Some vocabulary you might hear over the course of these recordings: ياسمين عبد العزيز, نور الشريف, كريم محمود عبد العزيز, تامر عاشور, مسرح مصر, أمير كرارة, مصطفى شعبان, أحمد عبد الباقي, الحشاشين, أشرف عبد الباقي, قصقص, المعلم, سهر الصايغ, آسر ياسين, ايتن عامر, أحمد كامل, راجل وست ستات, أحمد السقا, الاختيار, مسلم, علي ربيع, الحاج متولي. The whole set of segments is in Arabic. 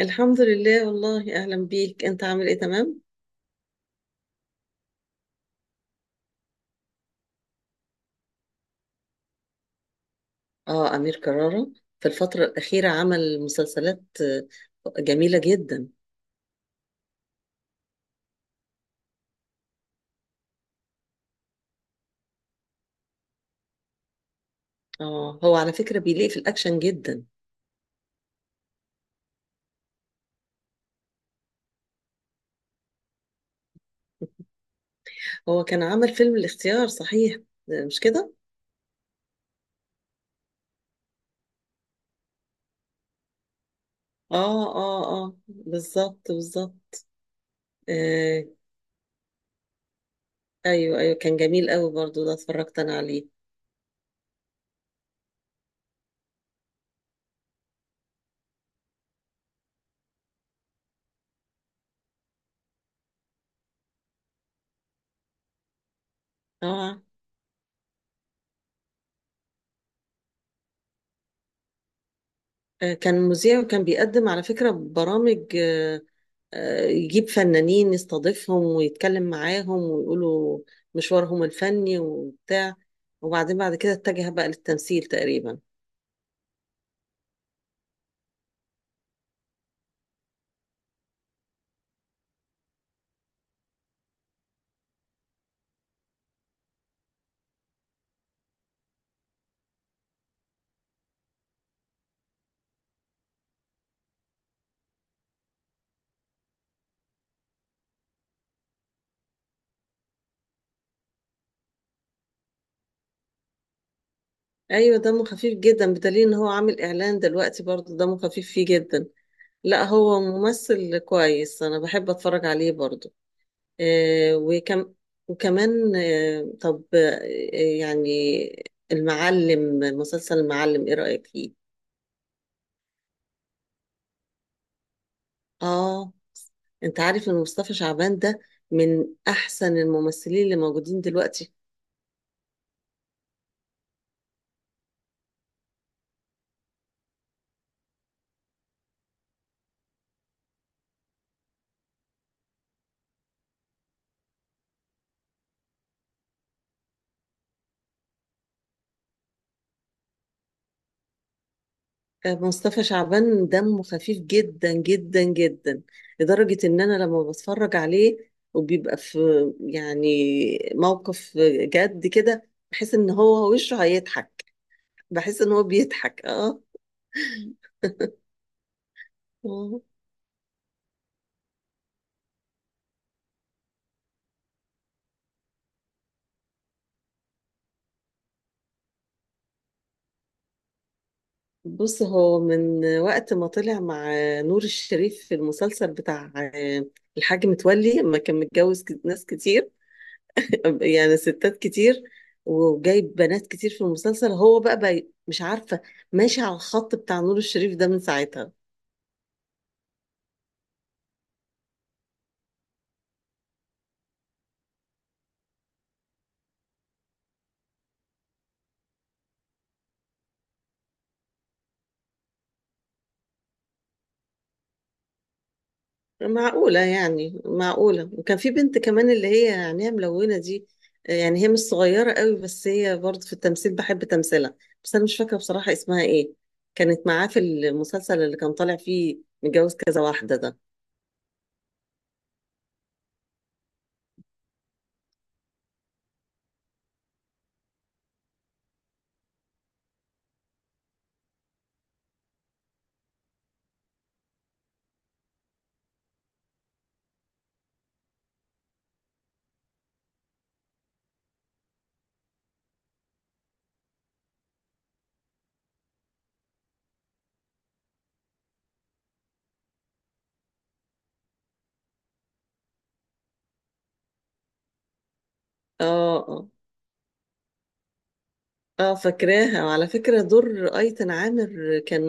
الحمد لله والله أهلا بيك، أنت عامل إيه؟ تمام؟ آه، أمير كرارة في الفترة الأخيرة عمل مسلسلات جميلة جدا. آه، هو على فكرة بيليق في الأكشن جدا. هو كان عمل فيلم الاختيار، صحيح؟ مش كده؟ آه، بالظبط بالظبط. آه أيوه أيوه، كان جميل قوي برضو ده، اتفرجت أنا عليه. آه كان مذيع وكان بيقدم على فكرة برامج، يجيب فنانين يستضيفهم ويتكلم معاهم ويقولوا مشوارهم الفني وبتاع. وبعدين بعد كده اتجه بقى للتمثيل تقريبا. ايوه دمه خفيف جدا، بدليل ان هو عامل اعلان دلوقتي برضه دمه خفيف فيه جدا. لا هو ممثل كويس، انا بحب اتفرج عليه برضه. آه وكم وكمان آه طب آه يعني المعلم، مسلسل المعلم ايه رأيك فيه؟ اه، انت عارف ان مصطفى شعبان ده من احسن الممثلين اللي موجودين دلوقتي. آه، مصطفى شعبان دمه خفيف جدا جدا جدا، لدرجة ان انا لما بتفرج عليه وبيبقى في يعني موقف جد كده بحس ان هو وشه هيضحك، بحس ان هو بيضحك. اه. آه. بص، هو من وقت ما طلع مع نور الشريف في المسلسل بتاع الحاج متولي لما كان متجوز ناس كتير، يعني ستات كتير، وجايب بنات كتير في المسلسل، هو بقى، مش عارفة، ماشي على الخط بتاع نور الشريف ده من ساعتها. معقولة يعني؟ معقولة. وكان في بنت كمان اللي هي عينيها ملونة دي، يعني هي مش صغيرة قوي، بس هي برضه في التمثيل بحب تمثيلها. بس أنا مش فاكرة بصراحة اسمها إيه، كانت معاه في المسلسل اللي كان طالع فيه متجوز كذا واحدة ده. اه. آه. اه، فاكراها. وعلى فكرة دور ايتن عامر كان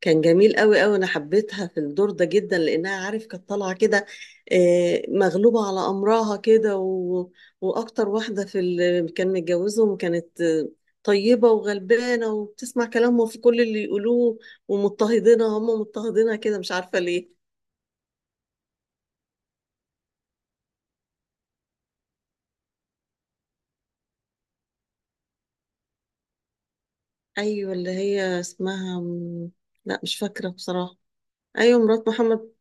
كان جميل قوي قوي، انا حبيتها في الدور ده جدا، لانها عارف كانت طالعة كده مغلوبة على امرها كده و... واكتر واحدة في اللي كان متجوزهم كانت طيبة وغلبانة وبتسمع كلامهم في كل اللي يقولوه، ومضطهدينها، هم مضطهدينها كده مش عارفة ليه. ايوه اللي هي اسمها لا مش فاكرة بصراحة. ايوه مرات محمد،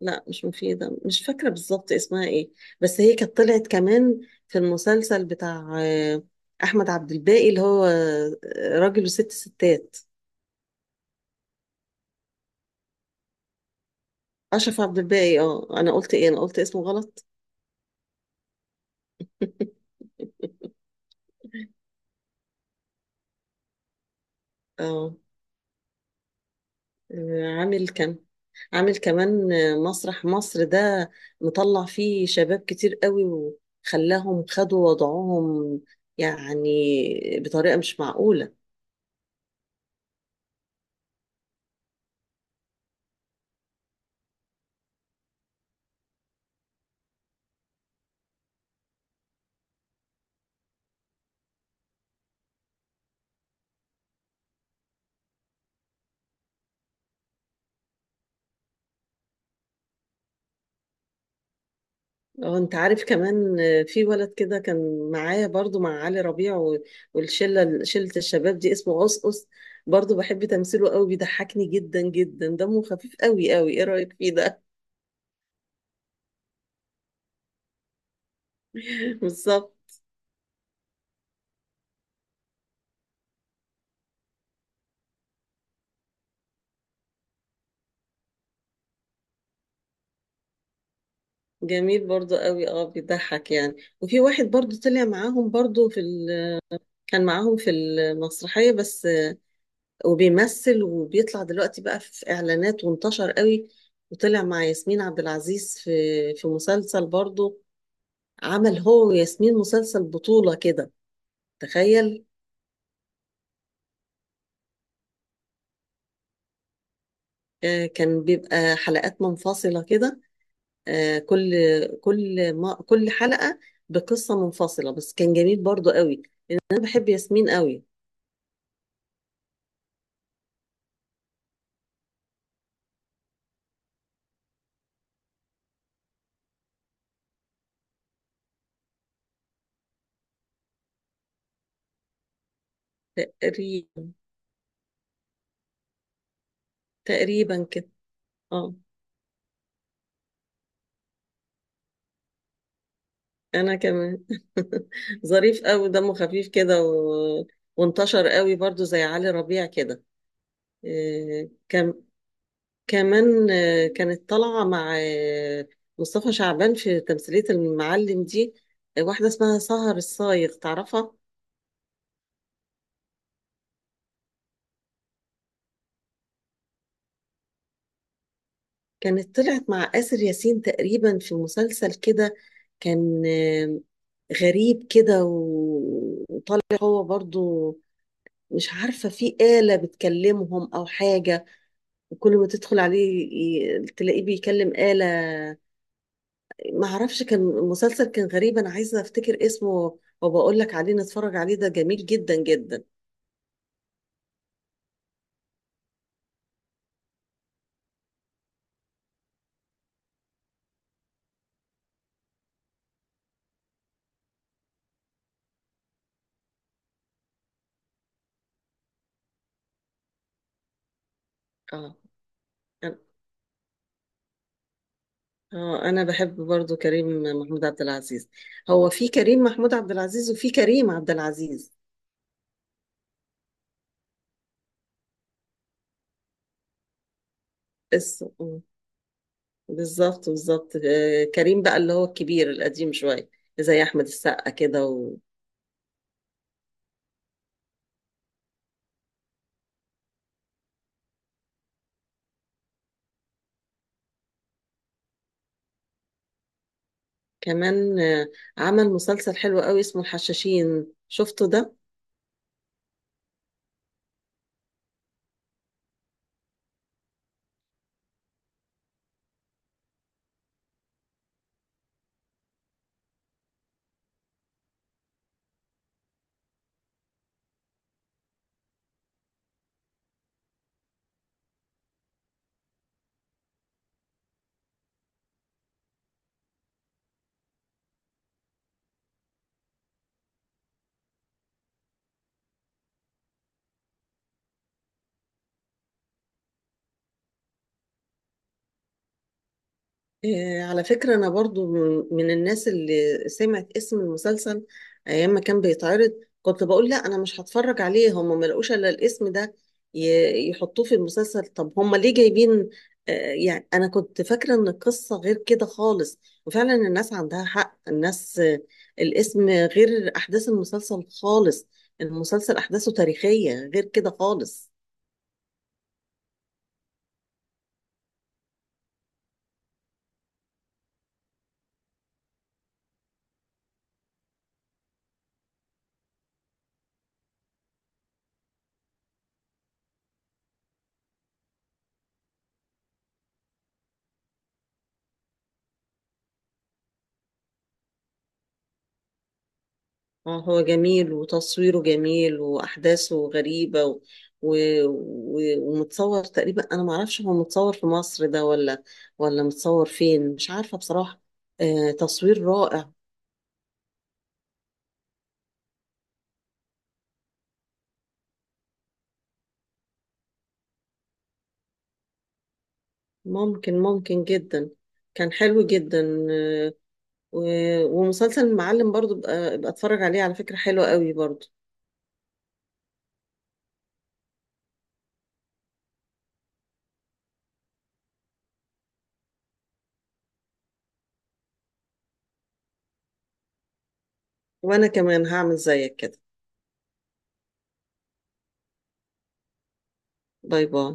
لا مش مفيدة، مش فاكرة بالظبط اسمها ايه. بس هي كانت طلعت كمان في المسلسل بتاع أحمد عبد الباقي اللي هو راجل وست ستات. أشرف عبد الباقي، اه أنا قلت ايه، أنا قلت اسمه غلط. اه. آه، عامل كم عامل كمان مسرح مصر ده مطلع فيه شباب كتير قوي وخلاهم خدوا وضعهم يعني بطريقة مش معقولة. اه انت عارف كمان، في ولد كده كان معايا برضو مع علي ربيع والشله الشباب دي اسمه قصقص، برضو بحب تمثيله قوي، بيضحكني جدا جدا، دمه خفيف قوي قوي، ايه رايك فيه ده؟ بالظبط. جميل برضو قوي، اه بيضحك يعني. وفي واحد برضو طلع معاهم برضو في ال... كان معاهم في المسرحيه بس، وبيمثل وبيطلع دلوقتي بقى في اعلانات وانتشر قوي، وطلع مع ياسمين عبد العزيز في في مسلسل برضو. عمل هو وياسمين مسلسل بطولة كده، تخيل. آه، كان بيبقى حلقات منفصلة كده. آه، كل كل ما كل حلقة بقصة منفصلة، بس كان جميل برضو قوي، لأن أنا بحب ياسمين قوي. تقريبا. تقريبا كده. اه أنا كمان. ظريف قوي، دمه خفيف كده و... وانتشر قوي برضو زي علي ربيع كده. آه، كان كمان كانت طالعة مع مصطفى شعبان في تمثيلية المعلم دي واحدة اسمها سهر الصايغ، تعرفها؟ كانت طلعت مع آسر ياسين تقريبا في مسلسل كده، كان غريب كده وطالع هو برضو مش عارفة في آلة بتكلمهم أو حاجة، وكل ما تدخل عليه تلاقيه بيكلم آلة. ما اعرفش، كان مسلسل كان غريب، انا عايزه افتكر اسمه وبقول لك عليه، نتفرج عليه ده جميل جدا جدا. اه. أنا- اه انا بحب برضو كريم محمود عبد العزيز. هو في كريم محمود عبد العزيز وفي كريم عبد العزيز. اس م. بالظبط بالظبط. كريم بقى اللي هو الكبير القديم شويه، زي احمد السقا كده. وكمان عمل مسلسل حلو قوي اسمه الحشاشين، شفته ده؟ على فكرة أنا برضو من الناس اللي سمعت اسم المسلسل أيام ما كان بيتعرض كنت بقول لا أنا مش هتفرج عليه، هم ما لقوش إلا الاسم ده يحطوه في المسلسل، طب هم ليه جايبين يعني أنا كنت فاكرة إن القصة غير كده خالص. وفعلا الناس عندها حق، الناس الاسم غير أحداث المسلسل خالص، المسلسل أحداثه تاريخية غير كده خالص. اه هو جميل، وتصويره جميل، واحداثه غريبه و... و... و... ومتصور تقريبا، انا ما اعرفش هو متصور في مصر ده ولا ولا متصور فين، مش عارفه بصراحه. آه تصوير رائع. ممكن ممكن جدا. كان حلو جدا، آه. و... ومسلسل المعلم برضو بقى اتفرج عليه على فكره، حلوه قوي برضو. وانا كمان هعمل زيك كده. باي باي.